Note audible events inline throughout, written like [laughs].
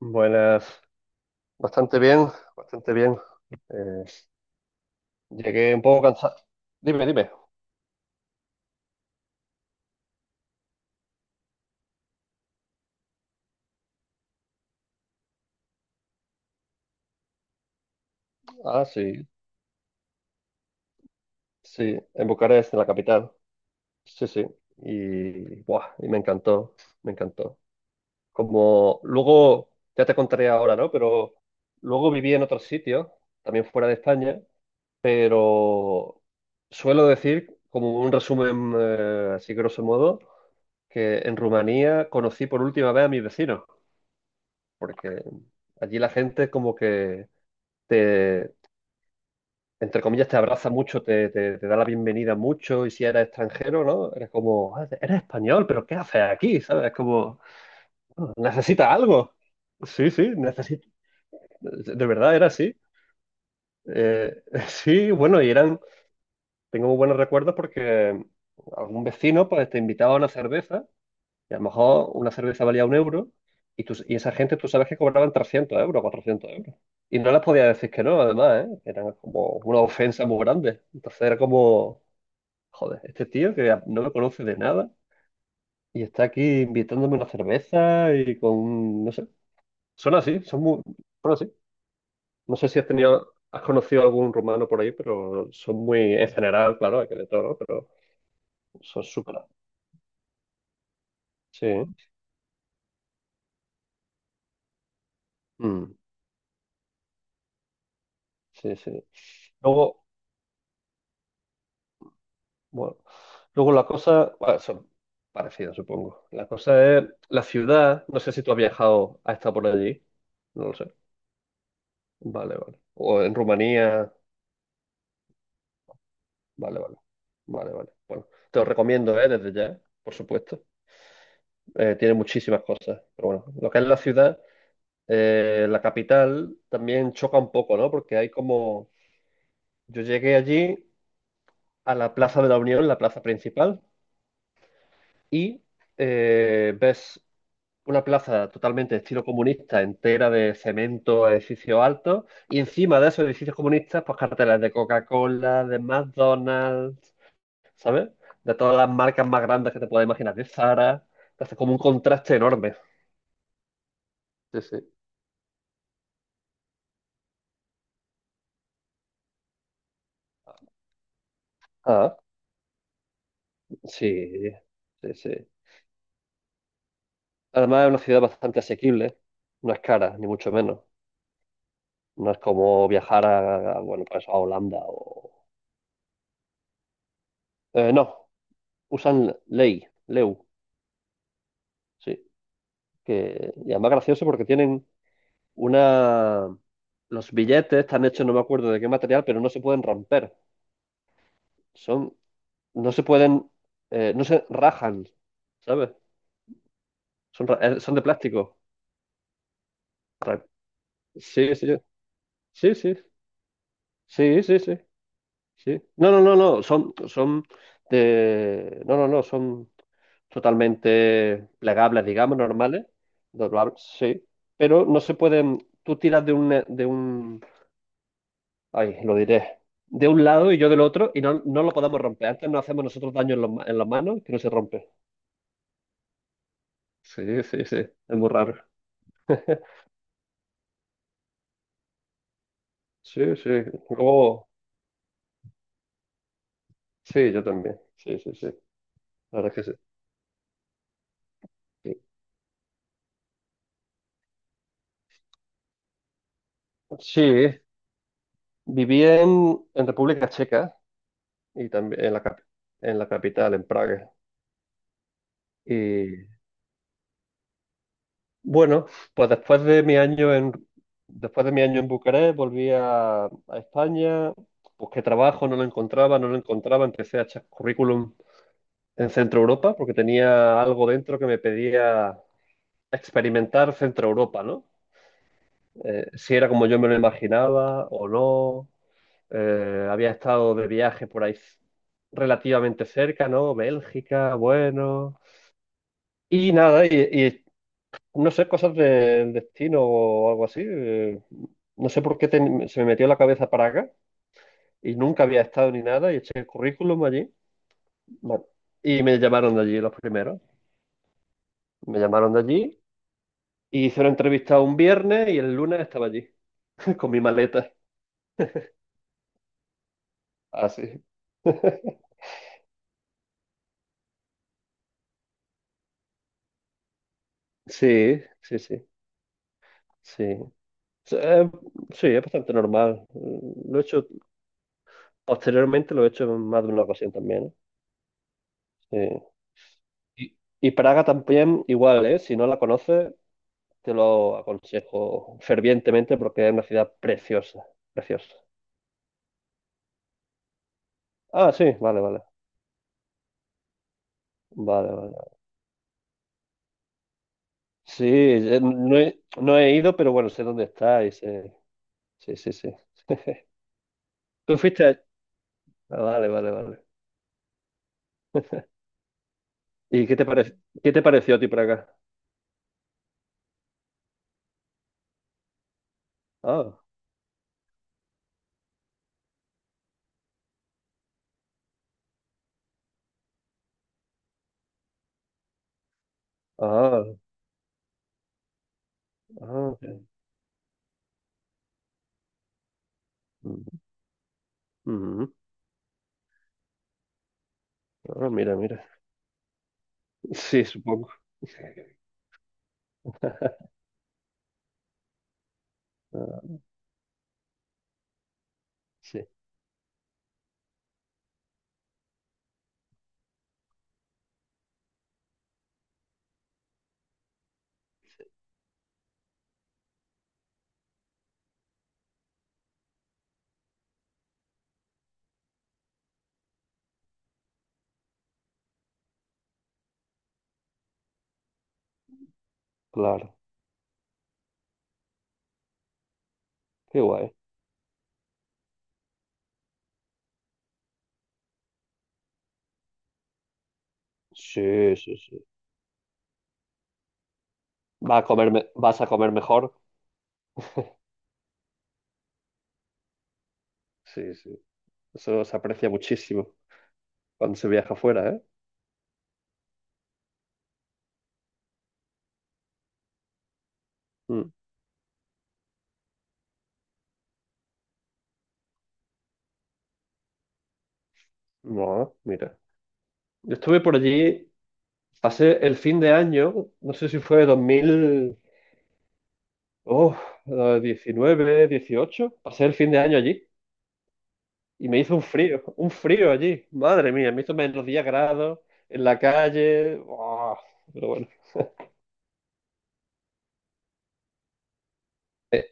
Buenas, bastante bien, bastante bien. Eh, llegué un poco cansado. Dime, dime. Ah, sí, sí, en Bucarest, en la capital. Sí, sí. Y, buah, y me encantó, me encantó. Como luego, ya te contaré ahora, ¿no? Pero luego viví en otro sitio, también fuera de España, pero suelo decir, como un resumen así grosso modo, que en Rumanía conocí por última vez a mi vecino. Porque allí la gente como que te, entre comillas, te abraza mucho, te da la bienvenida mucho. Y si eres extranjero, ¿no? Eres como, "Ah, eres español, pero ¿qué haces aquí?" ¿Sabes? Es como, "Ah, necesitas algo." Sí, sí, necesito. De verdad era así. Eh, [laughs] sí, bueno, y eran, tengo muy buenos recuerdos porque algún vecino pues te invitaba a una cerveza. Y a lo mejor una cerveza valía un euro, y esa gente tú sabes que cobraban 300 euros, 400 euros. Y no les podía decir que no, además, ¿eh? Eran como una ofensa muy grande. Entonces era como, joder, este tío que no me conoce de nada y está aquí invitándome una cerveza y no sé, son así, son muy, bueno, así. No sé si has tenido, has conocido algún rumano por ahí, pero son muy, en general, claro, hay que de todo, ¿no? Pero son súper, sí, ¿eh? Mm, sí, sí. Luego. Bueno, luego la cosa, bueno, son parecidas, supongo. La cosa es la ciudad. No sé si tú has viajado, has estado por allí. No lo sé. Vale, vale. O en Rumanía. Vale, vale. Vale, vale. Bueno, te lo recomiendo, ¿eh? Desde ya, por supuesto. Tiene muchísimas cosas. Pero bueno, lo que es la ciudad, la capital, también choca un poco, ¿no? Porque hay como. Yo llegué allí a la Plaza de la Unión, la plaza principal, y ves una plaza totalmente de estilo comunista, entera de cemento, edificios altos, y encima de esos edificios comunistas, pues carteles de Coca-Cola, de McDonald's, ¿sabes? De todas las marcas más grandes que te puedas imaginar, de Zara. Hace como un contraste enorme. Sí, sí. Ah, sí, sí, sí. Además, es una ciudad bastante asequible. No es cara, ni mucho menos. No es como viajar a, bueno, pues a Holanda o. No, usan ley, LEU, sí. Que, y además gracioso porque tienen una. Los billetes están hechos, no me acuerdo de qué material, pero no se pueden romper. Son, no se pueden, no se rajan, ¿sabes? Son, son de plástico. Ra- Sí, sí, sí, sí, sí, sí, sí, sí. No, no, no, no, son no, no, no, son totalmente plegables, digamos, normales, doblables, sí, pero no se pueden, tú tiras de un Ay, lo diré. De un lado y yo del otro, y no, no lo podemos romper. Antes nos hacemos nosotros daño en las manos, que no se rompe. Sí, sí, sí. Es muy raro. [laughs] Sí, sí. Luego, sí, yo también. Sí, sí, sí. La verdad es que sí. Sí, sí, viví en República Checa y también en la capital, en Praga. Y bueno, pues después de mi año en Bucarest, volví a España. Busqué trabajo, no lo encontraba, no lo encontraba. Empecé a echar currículum en Centro Europa, porque tenía algo dentro que me pedía experimentar Centro Europa, ¿no? Si era como yo me lo imaginaba o no. Había estado de viaje por ahí relativamente cerca, ¿no? Bélgica, bueno. Y nada, y no sé, cosas del destino o algo así. No sé por qué se me metió en la cabeza para acá y nunca había estado ni nada y eché el currículum allí. Bueno, y me llamaron de allí los primeros. Me llamaron de allí. Y hice una entrevista un viernes y el lunes estaba allí, [laughs] con mi maleta. Así. [laughs] Sí, sí, sí, sí. Sí, so, sí, es bastante normal. Lo he hecho, posteriormente lo he hecho en más de una ocasión también. ¿Eh? Sí. Y, y Praga también, igual, ¿eh? Si no la conoces, te lo aconsejo fervientemente porque es una ciudad preciosa, preciosa. Ah, sí, vale, vale, vale, vale. Sí, no he ido, pero bueno, sé dónde está y sé, sí, sí, sí. ¿Tú fuiste? Ah, vale, vale, vale. ¿Y qué te parece, qué te pareció a ti por acá? Ah, ah, ah. Mm, mm. Ah, mira, mira. Sí, supongo. Ah, sí, claro. Qué guay. Sí, sí, sí. Va a comer me- vas a comer mejor. Sí, sí. Eso se aprecia muchísimo cuando se viaja afuera, ¿eh? Mm. No, mira. Yo estuve por allí, pasé el fin de año, no sé si fue 2000 oh, 19, 18, pasé el fin de año allí. Y me hizo un frío allí. Madre mía, me hizo -10 grados en la calle. Buah, pero bueno. Eh,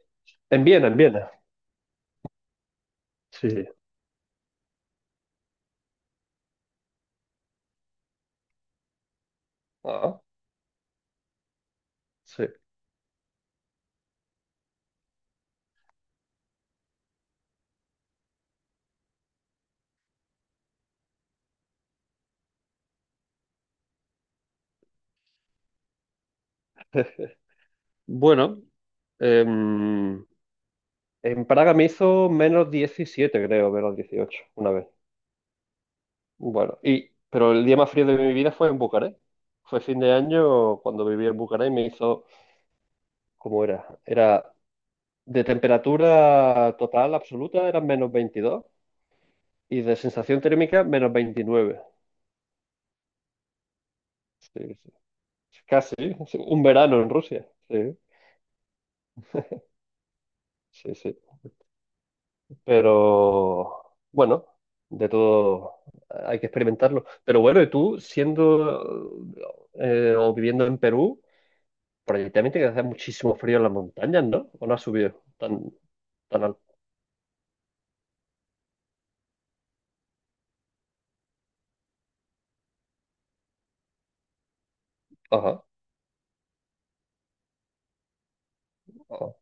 en Viena, en Viena. Sí. Ah, sí. Bueno, em, en Praga me hizo -17 creo, -18 una vez. Bueno, pero el día más frío de mi vida fue en Bucarest. Fue fin de año cuando viví en Bucarest y me hizo, ¿cómo era? Era de temperatura total absoluta, eran -22 y de sensación térmica -29. Sí, sí. Casi, sí, un verano en Rusia. Sí, sí, sí. Pero bueno, de todo hay que experimentarlo. Pero bueno, y tú siendo o viviendo en Perú, por allí también tiene que hacer muchísimo frío en las montañas, ¿no? ¿O no has subido tan, tan alto? Ajá, ajá,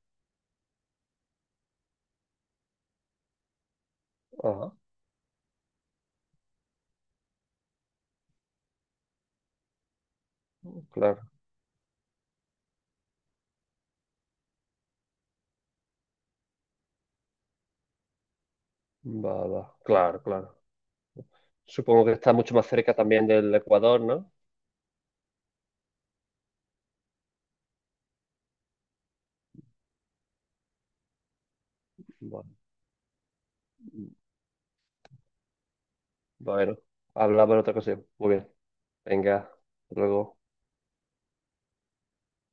ajá. Claro, va, va. Claro, claro. Supongo que está mucho más cerca también del Ecuador, ¿no? Bueno. Bueno, hablamos en otra ocasión. Muy bien. Venga, hasta luego.